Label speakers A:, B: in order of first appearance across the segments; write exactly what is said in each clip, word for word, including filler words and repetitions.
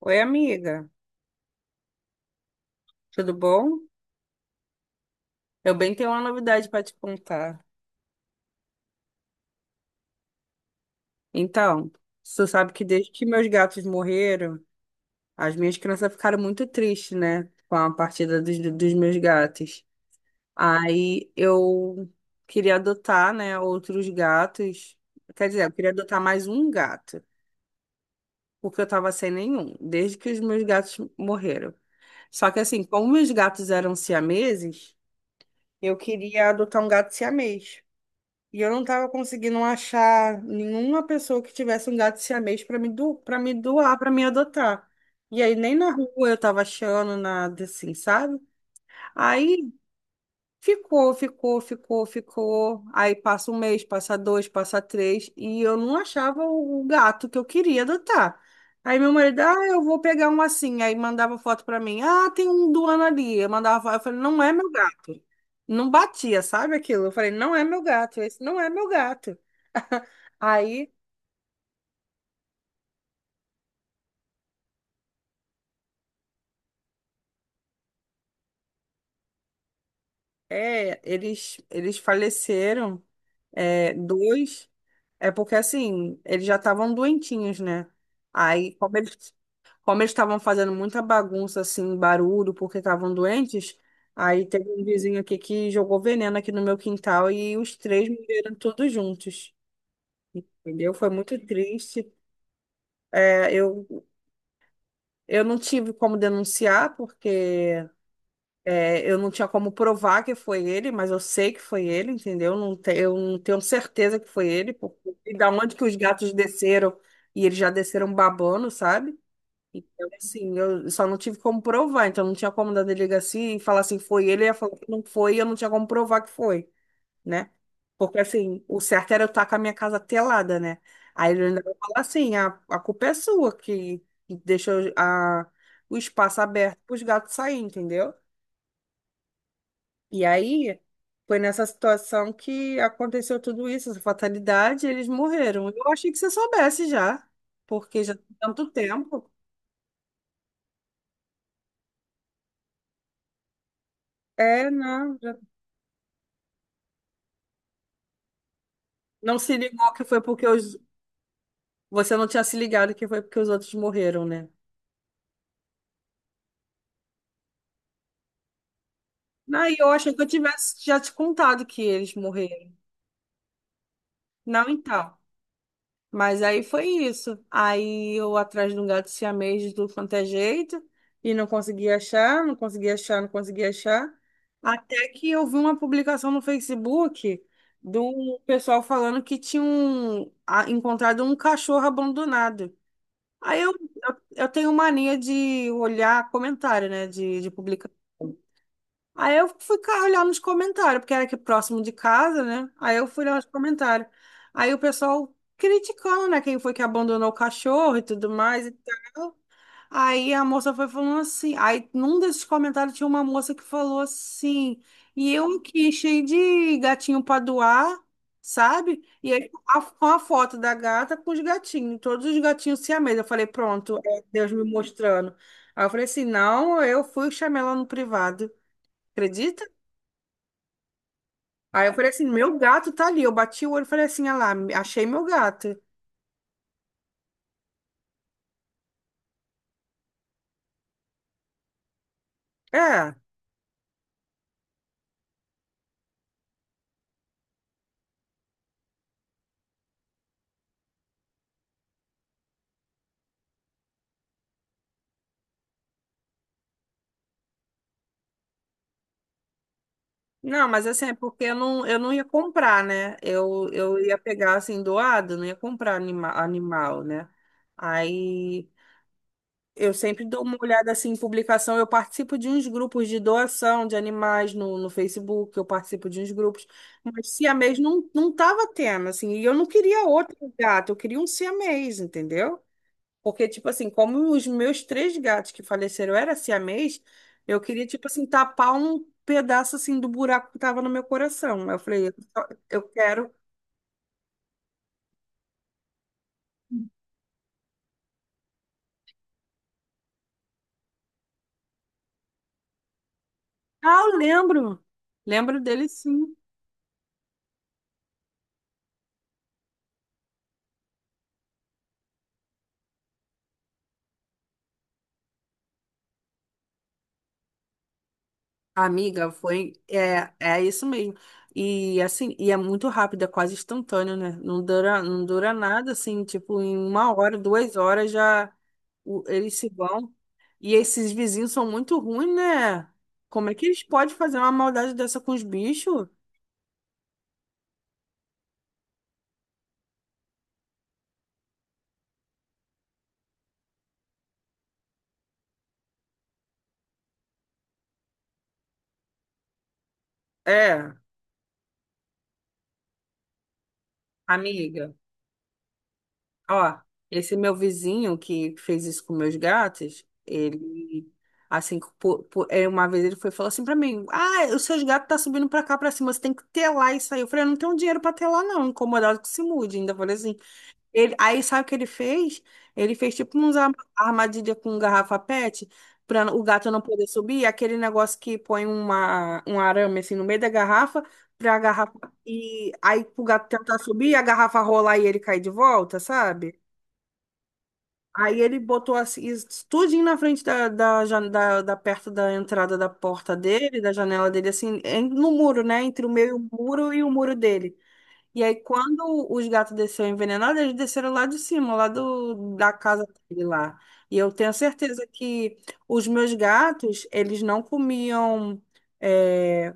A: Oi, amiga, tudo bom? Eu bem tenho uma novidade para te contar. Então, você sabe que desde que meus gatos morreram, as minhas crianças ficaram muito tristes, né? Com a partida dos, dos meus gatos. Aí eu queria adotar, né, outros gatos. Quer dizer, eu queria adotar mais um gato, porque eu tava sem nenhum, desde que os meus gatos morreram. Só que assim, como meus gatos eram siameses, eu queria adotar um gato siamês. E eu não tava conseguindo achar nenhuma pessoa que tivesse um gato siamês para me, do, para me doar, para me adotar. E aí nem na rua eu tava achando nada assim, sabe? Aí ficou, ficou, ficou, ficou. Aí passa um mês, passa dois, passa três, e eu não achava o gato que eu queria adotar. Aí meu marido, ah, eu vou pegar um assim. Aí mandava foto para mim, ah, tem um doando ali. Eu mandava foto, eu falei, não é meu gato. Não batia, sabe aquilo? Eu falei, não é meu gato, esse não é meu gato. Aí, é, eles, eles faleceram, é, dois, é porque assim, eles já estavam doentinhos, né? Aí, como eles, como eles estavam fazendo muita bagunça, assim, barulho, porque estavam doentes, aí teve um vizinho aqui que jogou veneno aqui no meu quintal e os três morreram todos juntos, entendeu? Foi muito triste. É, eu, eu não tive como denunciar porque é, eu não tinha como provar que foi ele, mas eu sei que foi ele, entendeu? Não te- eu não tenho certeza que foi ele, porque e da onde que os gatos desceram e eles já desceram babando, sabe? Então, assim, eu só não tive como provar, então não tinha como dar delegacia e falar assim, foi ele, e ia falar que não foi, e eu não tinha como provar que foi, né? Porque, assim, o certo era eu estar com a minha casa telada, né? Aí ele ainda vai falar assim, a, a culpa é sua que que deixou a, o espaço aberto para os gatos saírem, entendeu? E aí, foi nessa situação que aconteceu tudo isso, essa fatalidade, e eles morreram. Eu achei que você soubesse já, porque já tem tanto tempo. É, não, já... Não se ligou que foi porque os... você não tinha se ligado que foi porque os outros morreram, né? Não, e eu achei que eu tivesse já te contado que eles morreram. Não, então. Mas aí foi isso. Aí eu atrás de um gato siamês de tudo quanto é jeito e não conseguia achar, não conseguia achar, não conseguia achar. Até que eu vi uma publicação no Facebook do pessoal falando que tinham ah, encontrado um cachorro abandonado. Aí eu, eu, eu tenho mania de olhar comentário, né, de, de publicação. Aí eu fui ca- olhar nos comentários, porque era aqui próximo de casa, né? Aí eu fui olhar nos comentários. Aí o pessoal criticando, né? Quem foi que abandonou o cachorro e tudo mais e tal. Aí a moça foi falando assim. Aí num desses comentários tinha uma moça que falou assim. E eu aqui, cheio de gatinho pra doar, sabe? E aí a, com a foto da gata com os gatinhos, todos os gatinhos siamês. Eu falei, pronto, é Deus me mostrando. Aí eu falei assim: não, eu fui e chamei ela no privado. Acredita? Aí eu falei assim, meu gato tá ali. Eu bati o olho e falei assim, ah lá, achei meu gato. É, não, mas assim, é porque eu não, eu não ia comprar, né? Eu, eu ia pegar assim, doado, não ia comprar anima, animal, né? Aí eu sempre dou uma olhada assim em publicação. Eu participo de uns grupos de doação de animais no, no Facebook, eu participo de uns grupos. Mas siamês não, não tava tendo, assim, e eu não queria outro gato, eu queria um siamês, entendeu? Porque, tipo assim, como os meus três gatos que faleceram eram siamês, eu queria, tipo assim, tapar um pedaço, assim, do buraco que tava no meu coração. Aí eu falei, eu só- eu quero... Ah, eu lembro! Lembro dele, sim. Amiga, foi... É, é isso mesmo. E, assim, e é muito rápido, é quase instantâneo, né? Não dura, não dura nada, assim, tipo, em uma hora, duas horas já... O- Eles se vão. E esses vizinhos são muito ruins, né? Como é que eles podem fazer uma maldade dessa com os bichos? É, amiga, ó, esse meu vizinho que fez isso com meus gatos, ele, assim, po- po- é, uma vez ele foi e falou assim pra mim, ah, os seus gatos tá subindo pra cá, pra cima, você tem que telar isso aí. Eu falei, eu não tenho dinheiro pra telar não, incomodado que se mude. Ainda falei assim, ele, aí sabe o que ele fez? Ele fez tipo uns arma- armadilha com garrafa P E T para o gato não poder subir, aquele negócio que põe uma, um arame assim no meio da garrafa para a garrafa e aí pro gato tentar subir, a garrafa rolar e ele cair de volta, sabe? Aí ele botou assim, isso tudinho na frente da, da, jan- da, da- perto da entrada da porta dele, da janela dele, assim, em- no muro, né? Entre o meu muro e o muro dele. E aí, quando os gatos desceram envenenados, eles desceram lá de cima, lá do, da casa dele lá. E eu tenho certeza que os meus gatos, eles não comiam. eh,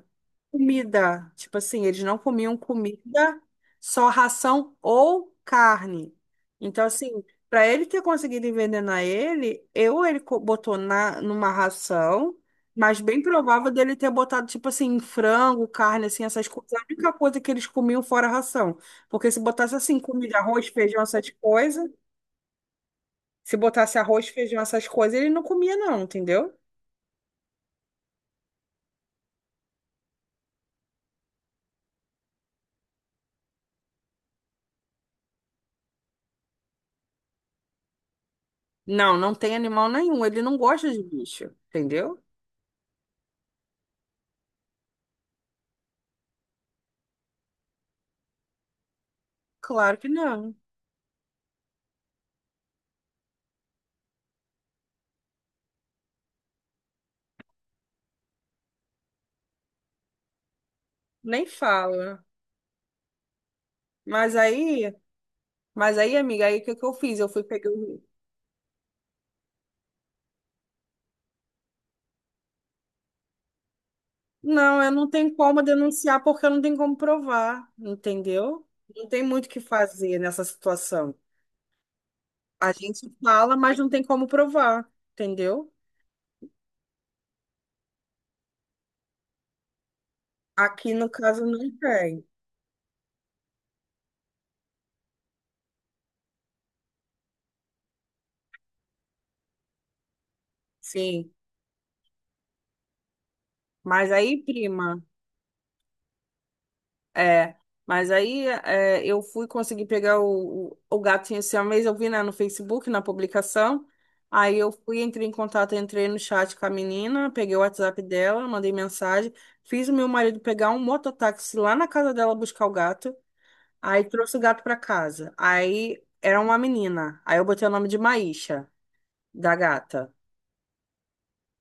A: comida. Tipo assim, eles não comiam comida, só ração ou carne. Então, assim, para ele ter conseguido envenenar ele, eu ele co- botou na, numa ração, mas bem provável dele ter botado, tipo assim, frango, carne, assim, essas coisas. A única coisa que eles comiam fora a ração. Porque se botasse, assim, comida, arroz, feijão, essas coisas, se botasse arroz, feijão, essas coisas, ele não comia, não, entendeu? Não, não tem animal nenhum. Ele não gosta de bicho, entendeu? Claro que não. Nem fala. Mas aí, mas aí, amiga, aí o que que eu fiz? Eu fui pegar. o- Não, eu não tenho como denunciar porque eu não tenho como provar, entendeu? Não tem muito o que fazer nessa situação. A gente fala, mas não tem como provar, entendeu? Aqui no caso não tem. Sim. Mas aí, prima. É, mas aí é, eu fui conseguir pegar o, o, o gato tinha esse mês, eu vi, né, no Facebook, na publicação. Aí eu fui, entrei em contato, entrei no chat com a menina, peguei o WhatsApp dela, mandei mensagem, fiz o meu marido pegar um mototáxi lá na casa dela buscar o gato, aí trouxe o gato pra casa. Aí era uma menina, aí eu botei o nome de Maísa, da gata.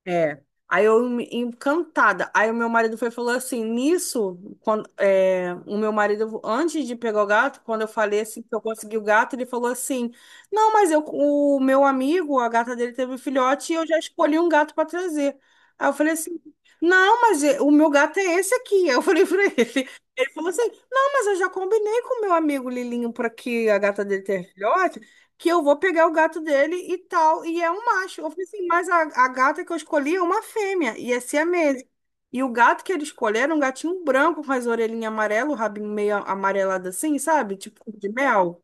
A: É. Aí eu me- encantada. Aí o meu marido foi e falou assim, nisso, quando é, o meu marido antes de pegar o gato, quando eu falei assim que eu consegui o gato, ele falou assim: "Não, mas eu o meu amigo, a gata dele teve um filhote e eu já escolhi um gato para trazer". Aí eu falei assim: "Não, mas é- o meu gato é esse aqui". Eu falei para ele. Ele falou assim: "Não, mas eu já combinei com o meu amigo Lilinho para que a gata dele tenha filhote" que eu vou pegar o gato dele e tal. E é um macho. Eu falei assim, mas a, a gata que eu escolhi é uma fêmea, e é siamesa. E o gato que ele escolheu era um gatinho branco com as orelhinhas amarelas, o rabinho meio amarelado assim, sabe? Tipo de mel.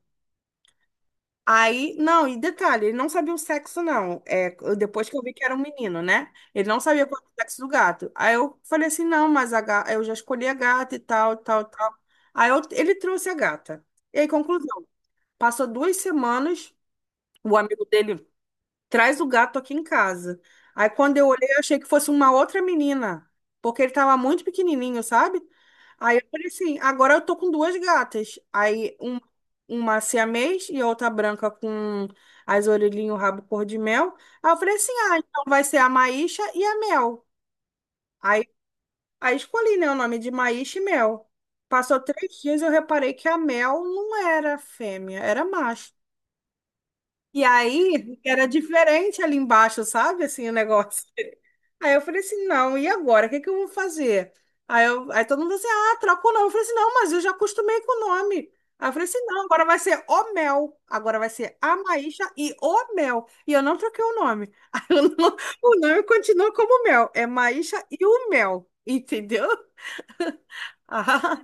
A: Aí, não, e detalhe, ele não sabia o sexo, não. É, eu- depois que eu vi que era um menino, né? Ele não sabia qual era o sexo do gato. Aí eu falei assim, não, mas a ga... eu já escolhi a gata e tal, tal, tal. Aí eu- ele trouxe a gata. E aí, conclusão, passou duas semanas, o amigo dele traz o gato aqui em casa. Aí quando eu olhei, eu achei que fosse uma outra menina, porque ele tava muito pequenininho, sabe? Aí eu falei assim, agora eu tô com duas gatas. Aí um, uma siamês e a outra branca com as orelhinhas e o rabo cor de mel. Aí eu falei assim, ah, então vai ser a Maíша e a Mel. Aí, aí escolhi, né, o nome de Maíша e Mel. Passou três dias e eu reparei que a Mel não era fêmea, era macho. E aí era diferente ali embaixo, sabe? Assim, o negócio. Aí eu falei assim, não, e agora? O que que eu vou fazer? Aí, eu, aí todo mundo assim, ah, troca o nome. Eu falei assim, não, mas eu já acostumei com o nome. Aí eu falei assim, não, agora vai ser O Mel. Agora vai ser A Maísa e O Mel. E eu não troquei o nome. Aí o no- o nome continua como Mel. É Maísa e o Mel, entendeu? Ah,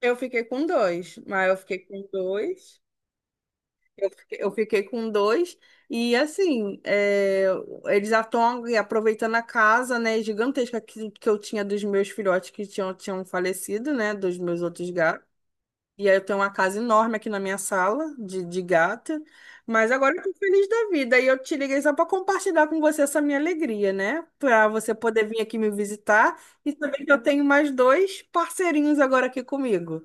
A: eu fiquei com dois, mas eu fiquei com dois. Eu fiquei eu fiquei com dois. E assim, é, eles estão aproveitando a casa, né, gigantesca que, que eu tinha dos meus filhotes que tinham, tinham falecido, né, dos meus outros gatos. E aí eu tenho uma casa enorme aqui na minha sala de, de gata. Mas agora eu tô feliz da vida. E eu te liguei só para compartilhar com você essa minha alegria, né? Para você poder vir aqui me visitar e saber que eu tenho mais dois parceirinhos agora aqui comigo.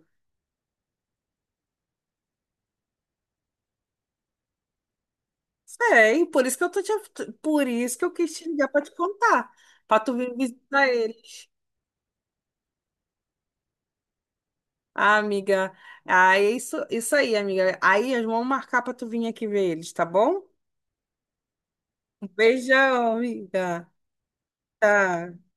A: Sei, por isso que eu tô te, por isso que eu quis te ligar para te contar, para tu vir visitar eles. Ah, amiga, ah, é isso, isso aí, amiga. Aí vamos marcar para tu vir aqui ver eles, tá bom? Um beijão, amiga. Tá.